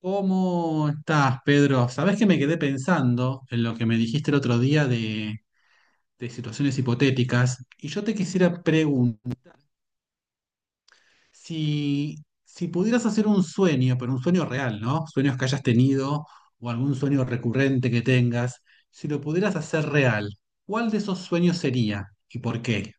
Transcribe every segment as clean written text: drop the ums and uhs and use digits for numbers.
¿Cómo estás, Pedro? Sabés que me quedé pensando en lo que me dijiste el otro día de situaciones hipotéticas, y yo te quisiera preguntar si, si pudieras hacer un sueño, pero un sueño real, ¿no? Sueños que hayas tenido o algún sueño recurrente que tengas, si lo pudieras hacer real, ¿cuál de esos sueños sería y por qué?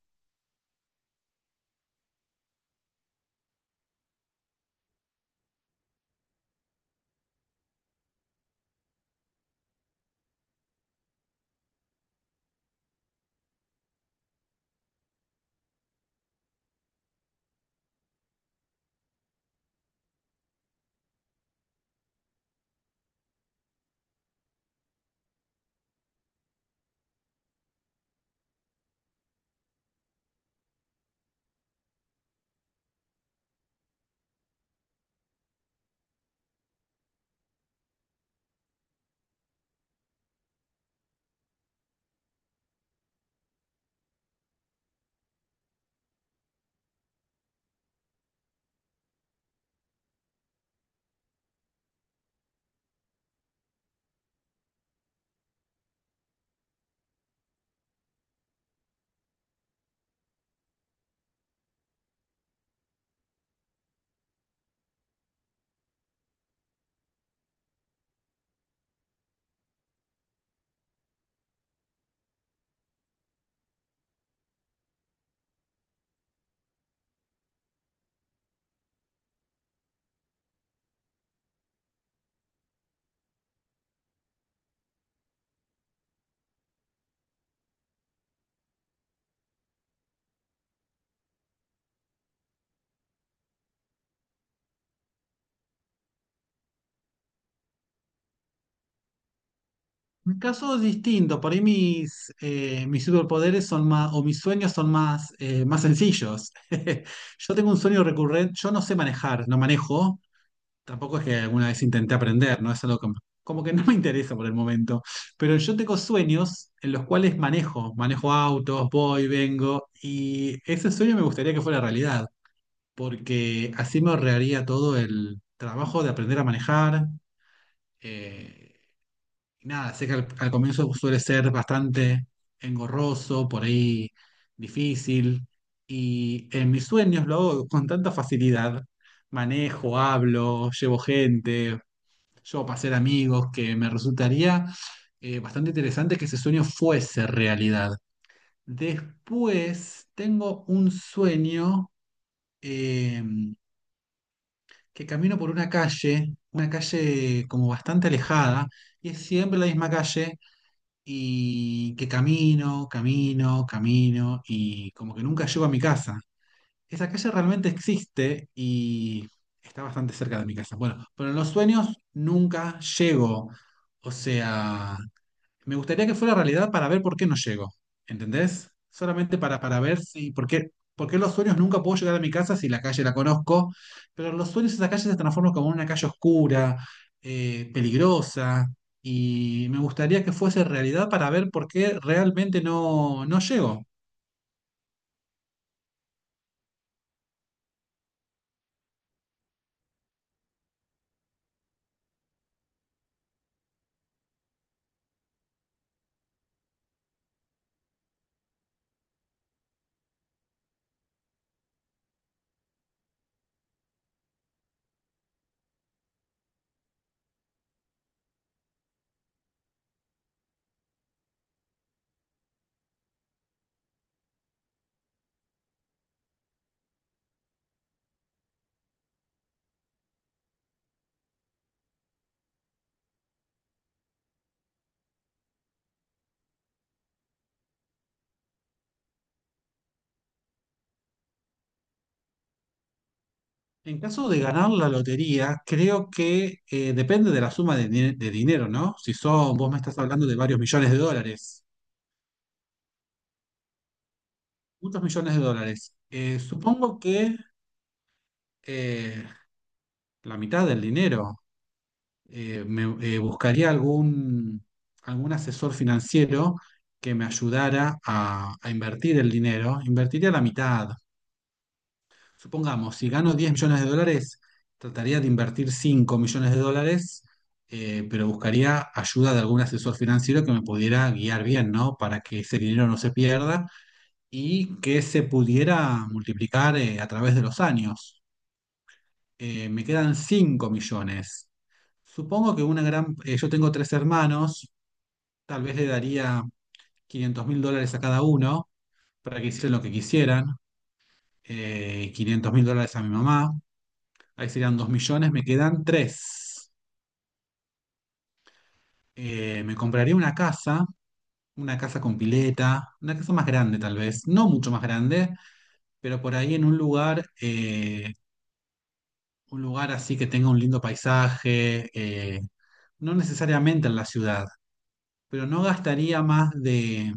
Mi caso es distinto. Por ahí mis superpoderes son más, o mis sueños son más sencillos. Yo tengo un sueño recurrente. Yo no sé manejar, no manejo, tampoco es que alguna vez intenté aprender, ¿no? Es algo que como que no me interesa por el momento, pero yo tengo sueños en los cuales manejo, manejo autos, voy, vengo, y ese sueño me gustaría que fuera realidad, porque así me ahorraría todo el trabajo de aprender a manejar. eh, y nada, sé que al comienzo suele ser bastante engorroso, por ahí difícil. Y en mis sueños lo hago con tanta facilidad. Manejo, hablo, llevo gente, llevo para hacer amigos, que me resultaría bastante interesante que ese sueño fuese realidad. Después tengo un sueño eh, que camino por una calle como bastante alejada, y es siempre la misma calle, y que camino, camino, camino y como que nunca llego a mi casa. Esa calle realmente existe y está bastante cerca de mi casa. Bueno, pero en los sueños nunca llego. O sea, me gustaría que fuera realidad para ver por qué no llego, ¿entendés? Solamente para ver si, por qué los sueños nunca puedo llegar a mi casa si la calle la conozco, pero los sueños esa calle se transforman como en una calle oscura, peligrosa, y me gustaría que fuese realidad para ver por qué realmente no, no llego. En caso de ganar la lotería, creo que depende de la suma de dinero, ¿no? Si son, vos me estás hablando de varios millones de dólares, muchos millones de dólares. Supongo que eh, la mitad del dinero. Eh, me, buscaría algún asesor financiero que me ayudara a invertir el dinero. Invertiría la mitad. Supongamos, si gano 10 millones de dólares, trataría de invertir 5 millones de dólares, pero buscaría ayuda de algún asesor financiero que me pudiera guiar bien, ¿no? Para que ese dinero no se pierda y que se pudiera multiplicar a través de los años. Me quedan 5 millones. Supongo que yo tengo tres hermanos, tal vez le daría 500 mil dólares a cada uno para que hicieran lo que quisieran. 500 mil dólares a mi mamá, ahí serían 2 millones, me quedan 3. Me compraría una casa con pileta, una casa más grande tal vez, no mucho más grande, pero por ahí en un lugar así que tenga un lindo paisaje, no necesariamente en la ciudad, pero no gastaría más de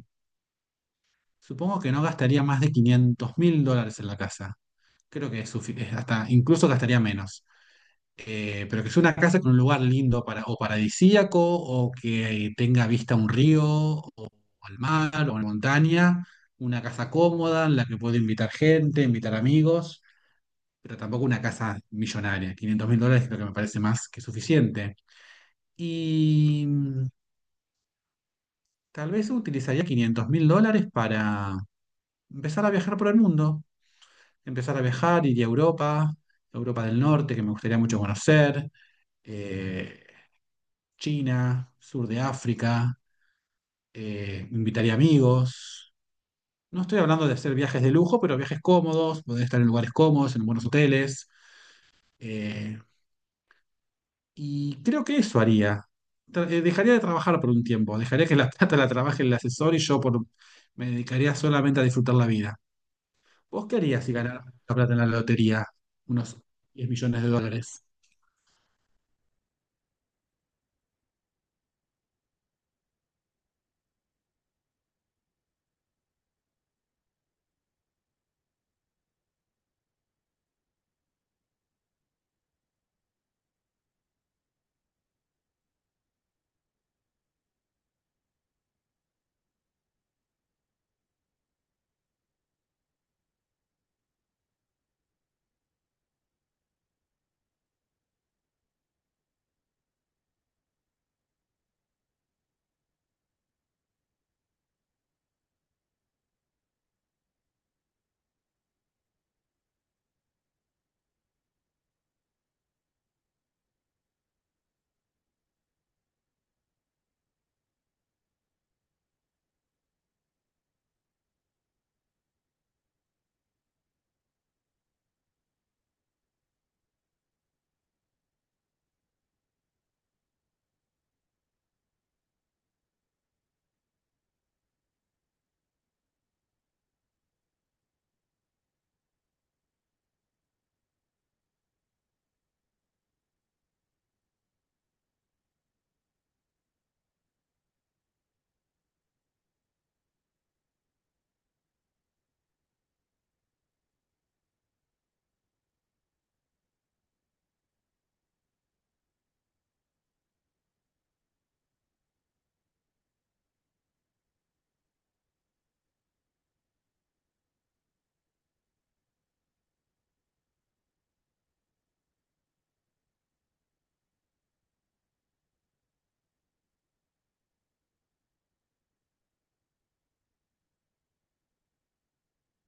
Supongo que no gastaría más de 500 mil dólares en la casa. Creo que es hasta incluso gastaría menos. Pero que sea una casa con un lugar lindo o paradisíaco, o que tenga vista a un río, o al mar, o a una montaña. Una casa cómoda en la que puedo invitar gente, invitar amigos, pero tampoco una casa millonaria. 500 mil dólares creo que me parece más que suficiente. Y tal vez utilizaría 500 mil dólares para empezar a viajar por el mundo. Iría a Europa, Europa del Norte, que me gustaría mucho conocer, eh, China, sur de África, invitaría amigos. No estoy hablando de hacer viajes de lujo, pero viajes cómodos, poder estar en lugares cómodos, en buenos hoteles. eh, y creo que eso haría. Dejaría de trabajar por un tiempo, dejaría que la plata la trabaje el asesor y me dedicaría solamente a disfrutar la vida. ¿Vos qué harías si ganaras la plata en la lotería? Unos 10 millones de dólares.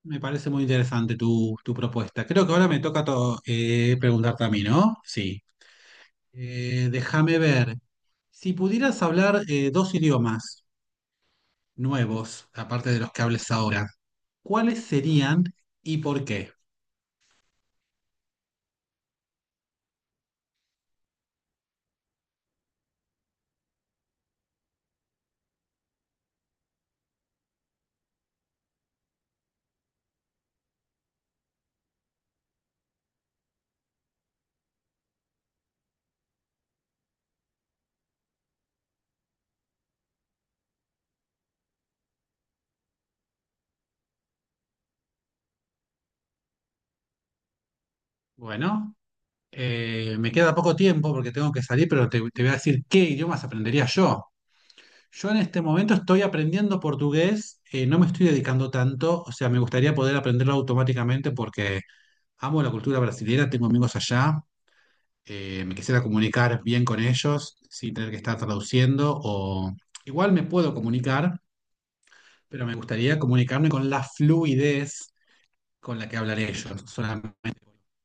Me parece muy interesante tu propuesta. Creo que ahora me toca preguntarte a mí, ¿no? Sí. Déjame ver. Si pudieras hablar dos idiomas nuevos, aparte de los que hables ahora, ¿cuáles serían y por qué? Bueno, me queda poco tiempo porque tengo que salir, pero te voy a decir qué idiomas aprendería yo. Yo en este momento estoy aprendiendo portugués, no me estoy dedicando tanto, o sea, me gustaría poder aprenderlo automáticamente porque amo la cultura brasileña, tengo amigos allá, me quisiera comunicar bien con ellos sin tener que estar traduciendo, o igual me puedo comunicar, pero me gustaría comunicarme con la fluidez con la que hablan ellos solamente.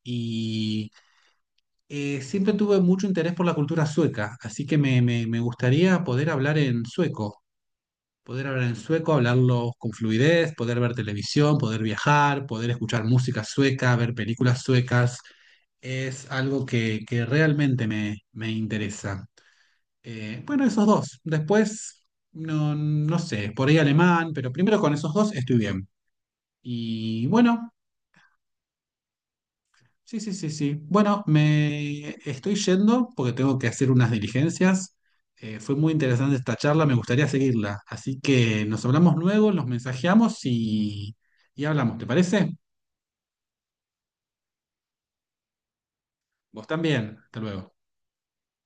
Y siempre tuve mucho interés por la cultura sueca, así que me gustaría poder hablar en sueco, poder hablar en sueco, hablarlo con fluidez, poder ver televisión, poder viajar, poder escuchar música sueca, ver películas suecas. Es algo que realmente me interesa. Bueno, esos dos. Después, no, no sé, por ahí alemán, pero primero con esos dos estoy bien. Y bueno, sí, sí, sí, sí. Bueno, me estoy yendo porque tengo que hacer unas diligencias. Fue muy interesante esta charla, me gustaría seguirla. Así que nos hablamos luego, nos mensajeamos y hablamos, ¿te parece? Vos también. Hasta luego.